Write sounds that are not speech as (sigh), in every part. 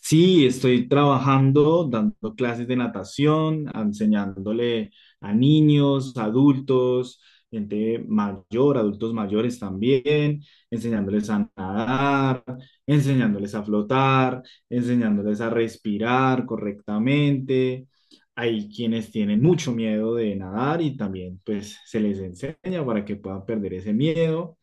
Sí, estoy trabajando, dando clases de natación, enseñándole a niños, adultos, gente mayor, adultos mayores también, enseñándoles a nadar, enseñándoles a flotar, enseñándoles a respirar correctamente. Hay quienes tienen mucho miedo de nadar y también pues se les enseña para que puedan perder ese miedo.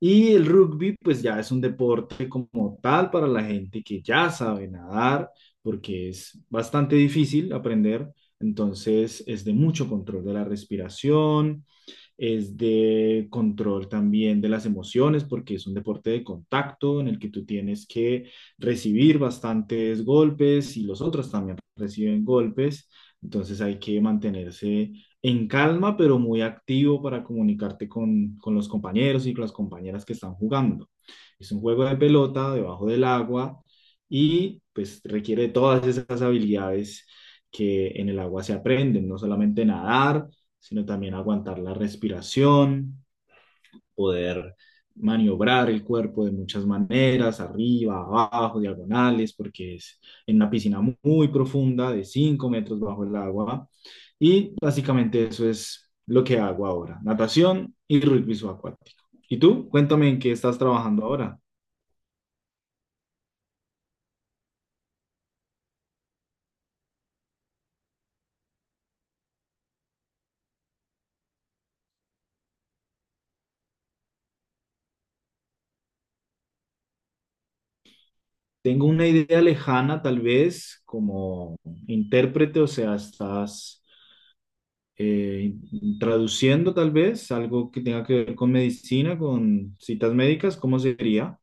Y el rugby, pues ya es un deporte como tal para la gente que ya sabe nadar, porque es bastante difícil aprender. Entonces es de mucho control de la respiración, es de control también de las emociones, porque es un deporte de contacto en el que tú tienes que recibir bastantes golpes y los otros también reciben golpes. Entonces hay que mantenerse en calma, pero muy activo para comunicarte con los compañeros y con las compañeras que están jugando. Es un juego de pelota debajo del agua y pues requiere todas esas habilidades que en el agua se aprenden, no solamente nadar, sino también aguantar la respiración, poder maniobrar el cuerpo de muchas maneras, arriba, abajo, diagonales, porque es en una piscina muy profunda de 5 metros bajo el agua. Y básicamente eso es lo que hago ahora, natación y rugby subacuático. ¿Y tú? Cuéntame en qué estás trabajando ahora. Tengo una idea lejana, tal vez, como intérprete, o sea, estás eh, traduciendo tal vez algo que tenga que ver con medicina, con citas médicas, ¿cómo sería?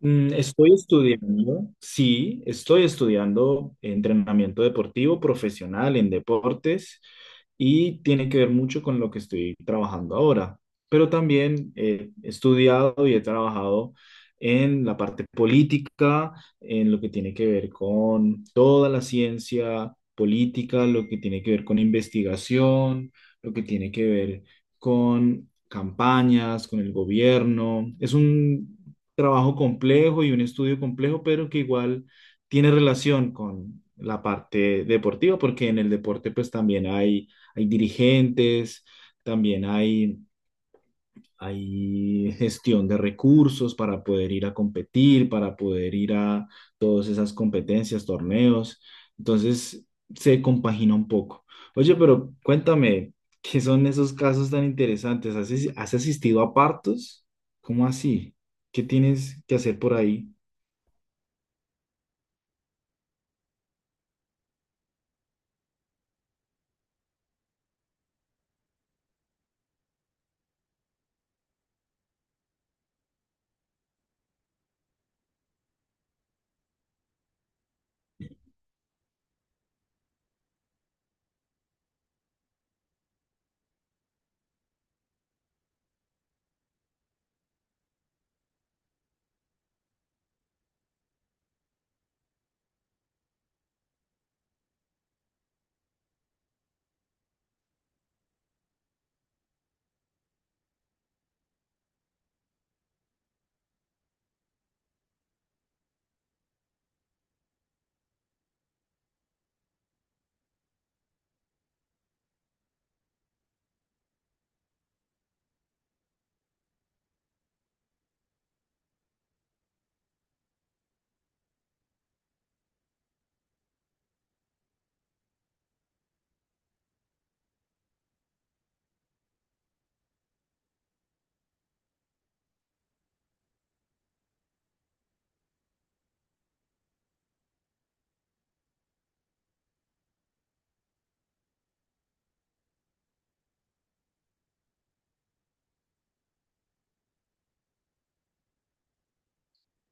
Estoy estudiando, sí, estoy estudiando entrenamiento deportivo profesional en deportes y tiene que ver mucho con lo que estoy trabajando ahora, pero también he estudiado y he trabajado en la parte política, en lo que tiene que ver con toda la ciencia política, lo que tiene que ver con investigación, lo que tiene que ver con campañas, con el gobierno. Es un trabajo complejo y un estudio complejo, pero que igual tiene relación con la parte deportiva, porque en el deporte pues también hay dirigentes, también hay gestión de recursos para poder ir a competir, para poder ir a todas esas competencias, torneos. Entonces se compagina un poco. Oye, pero cuéntame, ¿qué son esos casos tan interesantes? ¿Has, has asistido a partos? ¿Cómo así? ¿Qué tienes que hacer por ahí?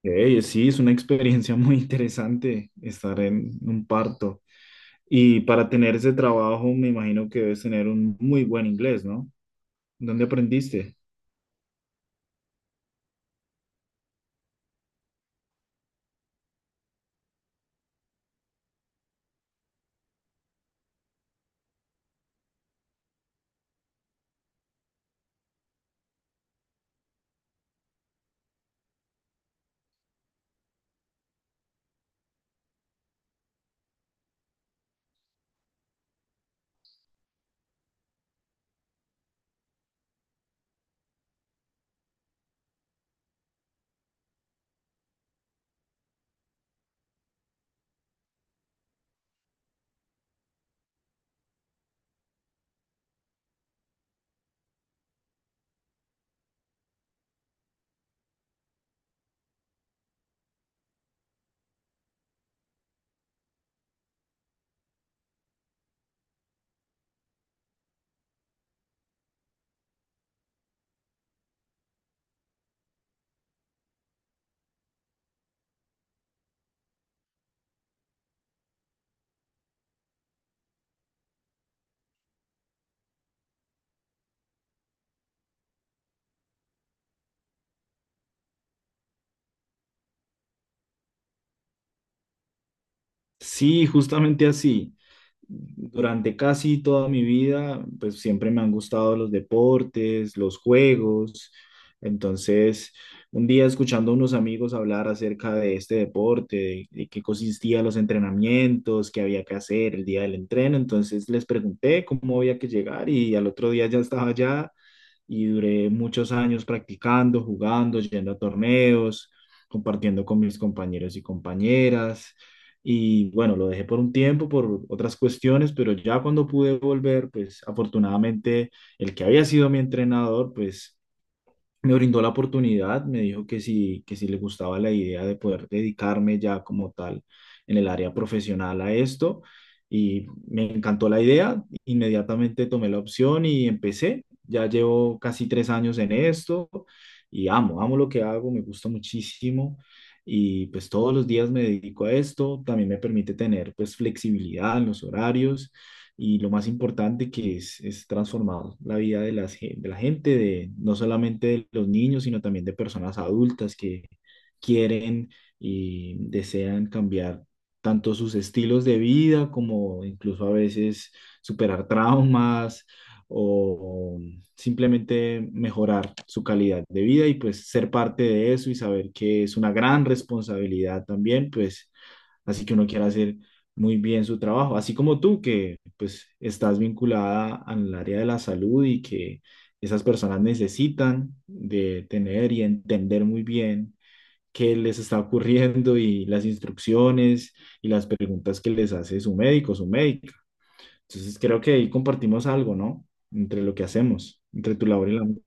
Ey, sí, es una experiencia (laughs) muy interesante estar en un parto. Y para tener ese trabajo, me imagino que debes tener un muy buen inglés, ¿no? ¿Dónde aprendiste? Sí, justamente así. Durante casi toda mi vida, pues siempre me han gustado los deportes, los juegos. Entonces, un día escuchando a unos amigos hablar acerca de este deporte, de qué consistían los entrenamientos, qué había que hacer el día del entreno, entonces les pregunté cómo había que llegar y al otro día ya estaba allá y duré muchos años practicando, jugando, yendo a torneos, compartiendo con mis compañeros y compañeras. Y bueno, lo dejé por un tiempo, por otras cuestiones, pero ya cuando pude volver, pues afortunadamente el que había sido mi entrenador, pues me brindó la oportunidad, me dijo que sí le gustaba la idea de poder dedicarme ya como tal en el área profesional a esto y me encantó la idea, inmediatamente tomé la opción y empecé, ya llevo casi 3 años en esto y amo, amo lo que hago, me gusta muchísimo y pues todos los días me dedico a esto, también me permite tener pues flexibilidad en los horarios y lo más importante que es transformar la vida de, de la gente, de, no solamente de los niños, sino también de personas adultas que quieren y desean cambiar tanto sus estilos de vida como incluso a veces superar traumas o simplemente mejorar su calidad de vida y pues ser parte de eso y saber que es una gran responsabilidad también, pues así que uno quiere hacer muy bien su trabajo, así como tú que pues estás vinculada al área de la salud y que esas personas necesitan de tener y entender muy bien qué les está ocurriendo y las instrucciones y las preguntas que les hace su médico, su médica. Entonces creo que ahí compartimos algo, ¿no? Entre lo que hacemos, entre tu labor y la mía.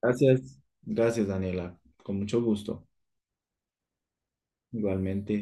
Gracias. Gracias, Daniela. Con mucho gusto. Igualmente.